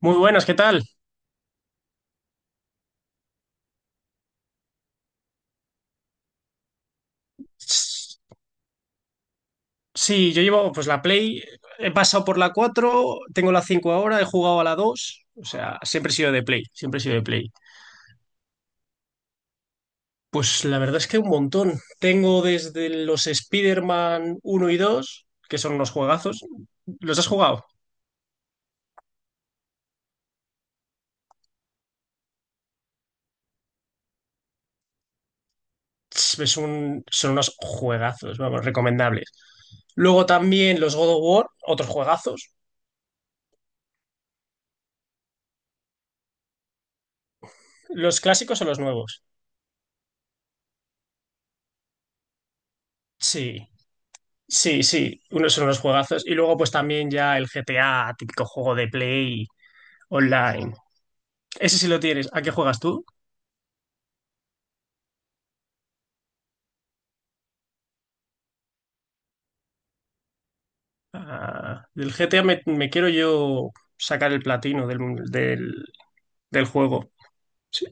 Muy buenas, ¿qué tal? Sí, yo llevo pues la Play, he pasado por la 4, tengo la cinco ahora, he jugado a la dos, o sea, siempre he sido de Play, siempre he sido de Play. Pues la verdad es que un montón. Tengo desde los Spider-Man 1 y 2, que son unos juegazos. ¿Los has jugado? Son unos juegazos, vamos, recomendables. Luego también los God of War, otros juegazos. ¿Los clásicos o los nuevos? Sí. Sí, sí, unos son unos juegazos. Y luego, pues también ya el GTA, típico juego de Play online. Ese sí lo tienes. ¿A qué juegas tú? Ah, del GTA me quiero yo sacar el platino del, del juego. Sí.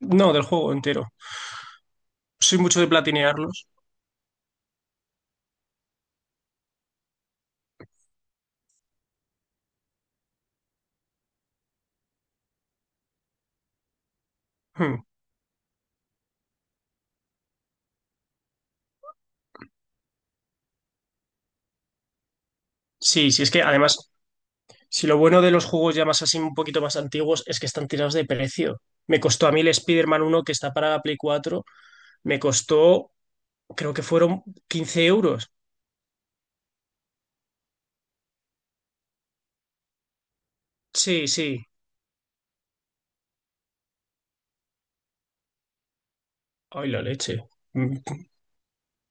No, del juego entero. Soy mucho de platinearlos. Hmm. Sí, sí, es que además, si lo bueno de los juegos ya más así, un poquito más antiguos, es que están tirados de precio. Me costó a mí el Spider-Man uno que está para la Play 4, me costó, creo que fueron 15 euros. Sí, sí. Ay, la leche. Mm,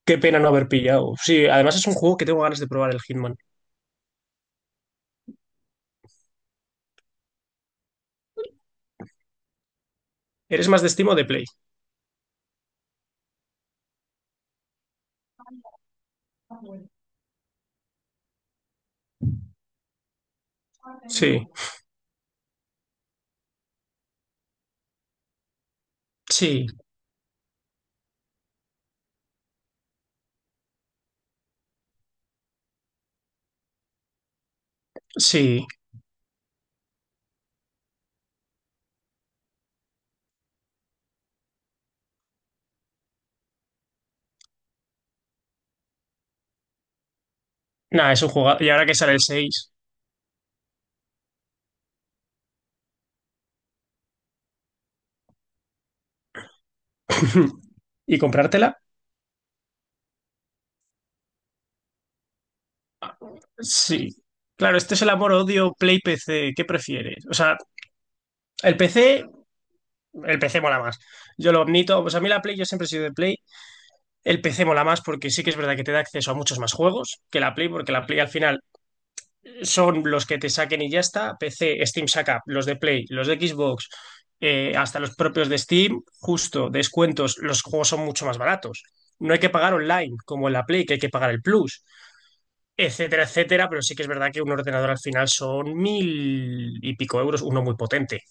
Qué pena no haber pillado. Sí, además es un juego que tengo ganas de probar el Hitman. ¿Eres más de Steam o de Play? Sí, sí, sí. Nada, es un juego. Y ahora que sale el seis. ¿Y comprártela? Sí. Claro, este es el amor odio Play PC. ¿Qué prefieres? O sea, el PC, el PC mola más. Yo lo admito. Pues a mí la Play, yo siempre he sido de Play. El PC mola más porque sí que es verdad que te da acceso a muchos más juegos que la Play, porque la Play al final son los que te saquen y ya está. PC, Steam saca los de Play, los de Xbox, hasta los propios de Steam, justo, descuentos, los juegos son mucho más baratos. No hay que pagar online, como en la Play, que hay que pagar el Plus, etcétera, etcétera, pero sí que es verdad que un ordenador al final son mil y pico euros, uno muy potente.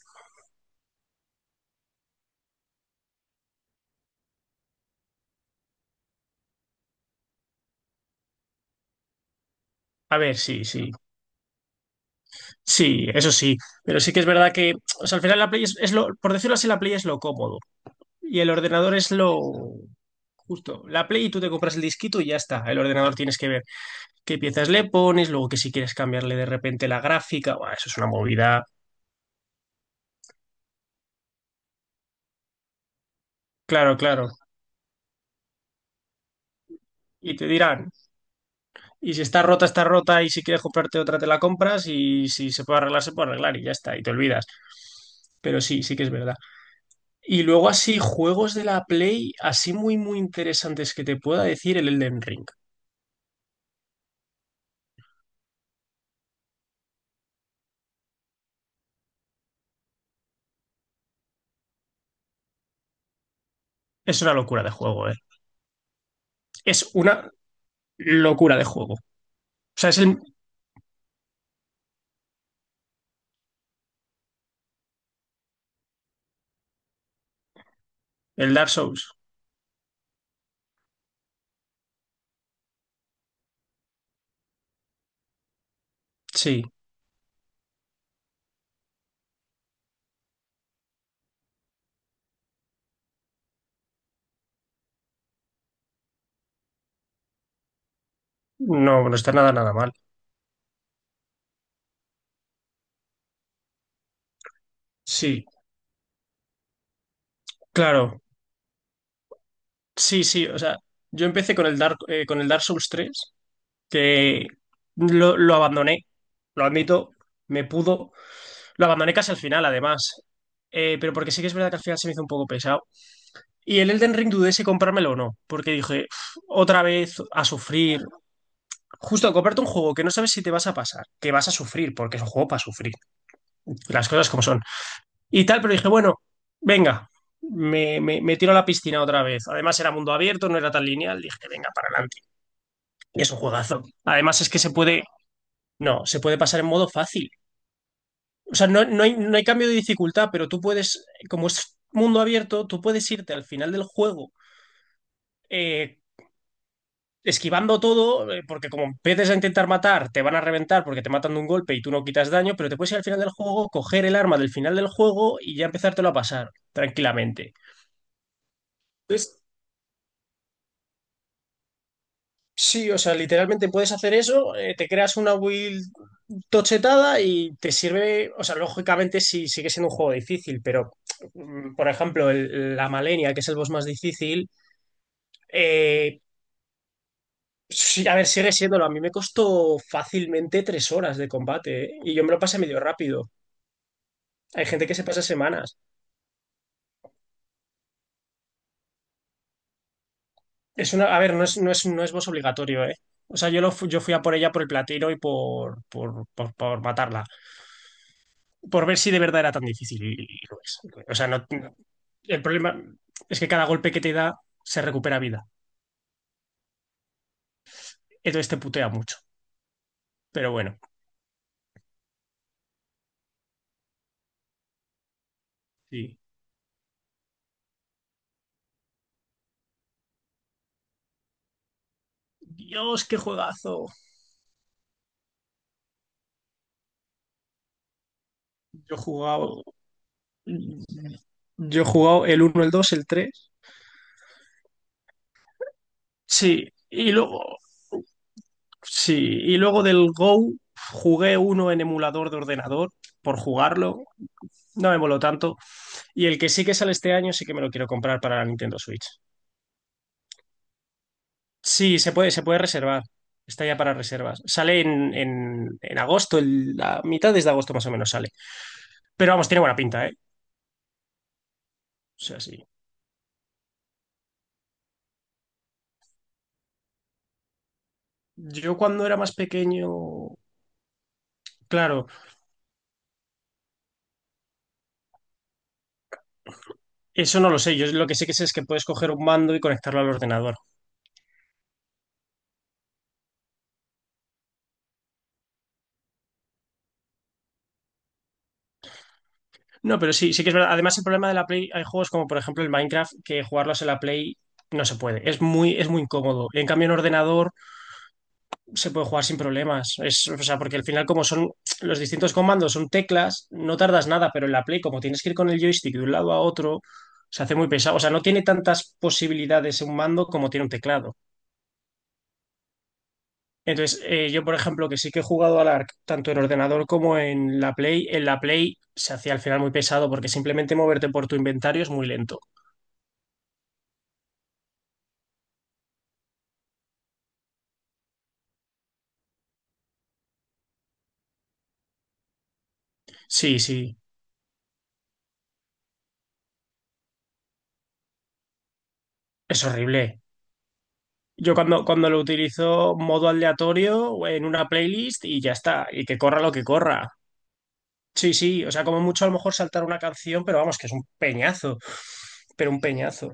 A ver, sí, sí, sí, eso sí, pero sí que es verdad que, o sea, al final la Play es lo, por decirlo así, la Play es lo cómodo. Y el ordenador es lo justo. La Play y tú te compras el disquito y ya está. El ordenador tienes que ver qué piezas le pones, luego que si quieres cambiarle de repente la gráfica. Buah, eso es una movida. Claro, claro. Y te dirán, y si está rota, está rota, y si quieres comprarte otra, te la compras, y si se puede arreglar, se puede arreglar, y ya está, y te olvidas. Pero sí, sí que es verdad. Y luego así, juegos de la Play, así muy, muy interesantes que te pueda decir el Elden Ring. Es una locura de juego, ¿eh? Es una locura de juego. O sea, el Dark Souls, sí. No, no está nada, nada mal. Sí, claro. Sí, sí, o sea, yo empecé con con el Dark Souls 3, que lo abandoné, lo admito, me pudo. Lo abandoné casi al final, además. Pero porque sí que es verdad que al final se me hizo un poco pesado. Y el Elden Ring dudé si comprármelo o no, porque dije, "Uf, otra vez a sufrir. Justo, comprarte un juego que no sabes si te vas a pasar, que vas a sufrir, porque es un juego para sufrir. Las cosas como son, y tal, pero dije, bueno, venga, me tiro a la piscina otra vez. Además era mundo abierto, no era tan lineal, dije, venga, para adelante. Y es un juegazo. Además es que se puede, no, se puede pasar en modo fácil. O sea, no, no hay cambio de dificultad, pero tú puedes, como es mundo abierto, tú puedes irte al final del juego. eh, esquivando todo, porque como empieces a intentar matar, te van a reventar porque te matan de un golpe y tú no quitas daño, pero te puedes ir al final del juego, coger el arma del final del juego y ya empezártelo a pasar tranquilamente. Entonces, sí, o sea, literalmente puedes hacer eso, te creas una build tochetada y te sirve, o sea, lógicamente sí sigue siendo un juego difícil, pero por ejemplo, la Malenia, que es el boss más difícil, eh, sí, a ver, sigue siéndolo. A mí me costó fácilmente 3 horas de combate, ¿eh? Y yo me lo pasé medio rápido. Hay gente que se pasa semanas. A ver, no es boss obligatorio, ¿eh? O sea, yo fui a por ella por el platino y por matarla. Por ver si de verdad era tan difícil y lo es. O sea, no, el problema es que cada golpe que te da se recupera vida. Entonces te putea mucho. Pero bueno, sí. Dios, qué juegazo. Yo he jugado. Yo he jugado el uno el 2 el tres. Sí. Y luego. Sí. Y luego del Go jugué uno en emulador de ordenador por jugarlo. No me moló tanto. Y el que sí que sale este año sí que me lo quiero comprar para la Nintendo Switch. Sí, se puede reservar. Está ya para reservas. Sale en, agosto, la mitad de agosto más o menos sale. Pero vamos, tiene buena pinta, ¿eh? O sea, sí. Yo cuando era más pequeño, claro, eso no lo sé. Yo lo que sé es que puedes coger un mando y conectarlo al ordenador. No, pero sí, sí que es verdad. Además, el problema de la Play, hay juegos como por ejemplo el Minecraft, que jugarlos en la Play no se puede. Es muy incómodo. En cambio, en ordenador se puede jugar sin problemas. O sea, porque al final, como son los distintos comandos, son teclas, no tardas nada, pero en la Play, como tienes que ir con el joystick de un lado a otro, se hace muy pesado. O sea, no tiene tantas posibilidades un mando como tiene un teclado. Entonces, yo, por ejemplo, que sí que he jugado al ARC tanto en ordenador como en la Play se hacía al final muy pesado porque simplemente moverte por tu inventario es muy lento. Sí, sí, es horrible. Yo cuando lo utilizo modo aleatorio en una playlist y ya está, y que corra lo que corra. Sí, sí, o sea, como mucho a lo mejor saltar una canción, pero vamos, que es un peñazo, pero un peñazo.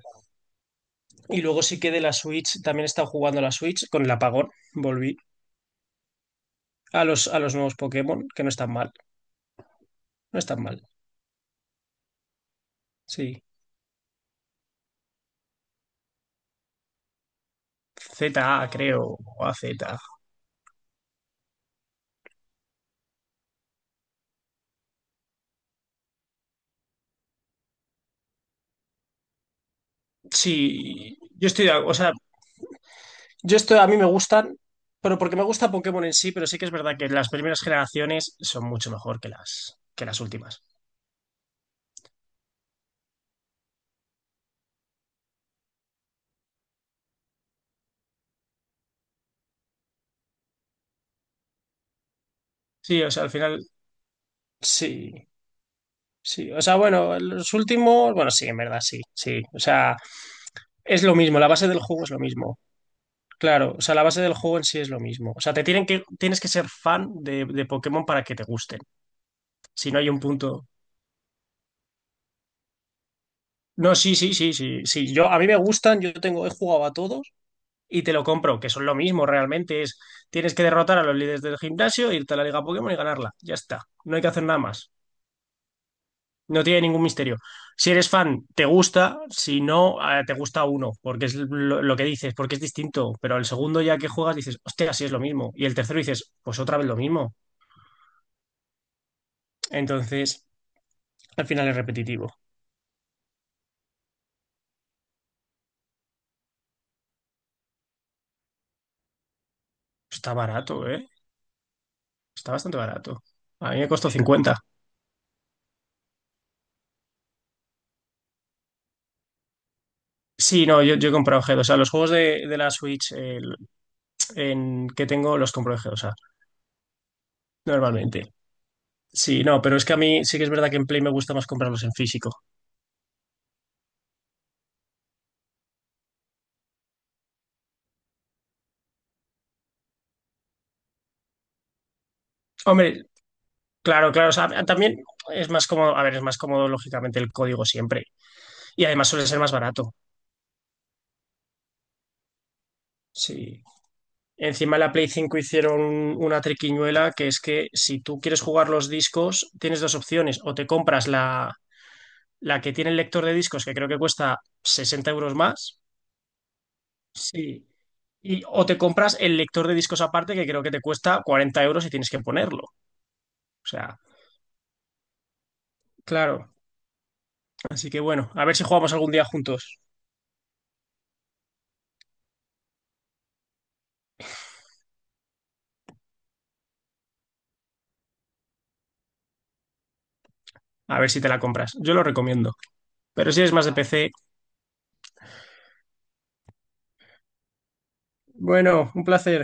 Y luego sí que de la Switch, también he estado jugando a la Switch con el apagón, volví a los nuevos Pokémon, que no están mal, no están mal, sí. ZA, creo, o A Z. Sí, yo estoy, o sea, a mí me gustan, pero porque me gusta Pokémon en sí, pero sí que es verdad que las primeras generaciones son mucho mejor que las últimas. Sí, o sea, al final, sí. Sí, o sea, bueno, los últimos, bueno, sí, en verdad, sí, sí. O sea, es lo mismo, la base del juego es lo mismo. Claro, o sea, la base del juego en sí es lo mismo. O sea, tienes que ser fan de Pokémon para que te gusten. Si no hay un punto. No, sí, sí, sí, sí, sí. Yo, a mí me gustan, yo tengo, he jugado a todos y te lo compro, que son lo mismo realmente. Tienes que derrotar a los líderes del gimnasio, irte a la Liga Pokémon y ganarla. Ya está. No hay que hacer nada más. No tiene ningún misterio. Si eres fan, te gusta. Si no, te gusta uno, porque es lo que dices, porque es distinto. Pero el segundo ya que juegas dices, hostia, sí es lo mismo. Y el tercero dices, pues otra vez lo mismo. Entonces, al final es repetitivo. Está barato, ¿eh? Está bastante barato. A mí me costó 50. Sí, no, yo he comprado G2. O sea, los juegos de la Switch que tengo los compro en G2, normalmente. Sí, no, pero es que a mí sí que es verdad que en Play me gusta más comprarlos en físico. Hombre, claro, claro, o sea, también es más cómodo, a ver, es más cómodo lógicamente el código siempre. Y además suele ser más barato. Sí. Encima de la Play 5 hicieron una triquiñuela que es que si tú quieres jugar los discos, tienes dos opciones. O te compras la que tiene el lector de discos, que creo que cuesta 60 euros más. Sí. O te compras el lector de discos aparte, que creo que te cuesta 40 euros y tienes que ponerlo. O sea, claro. Así que bueno, a ver si jugamos algún día juntos. A ver si te la compras. Yo lo recomiendo. Pero si es más de PC. Bueno, un placer.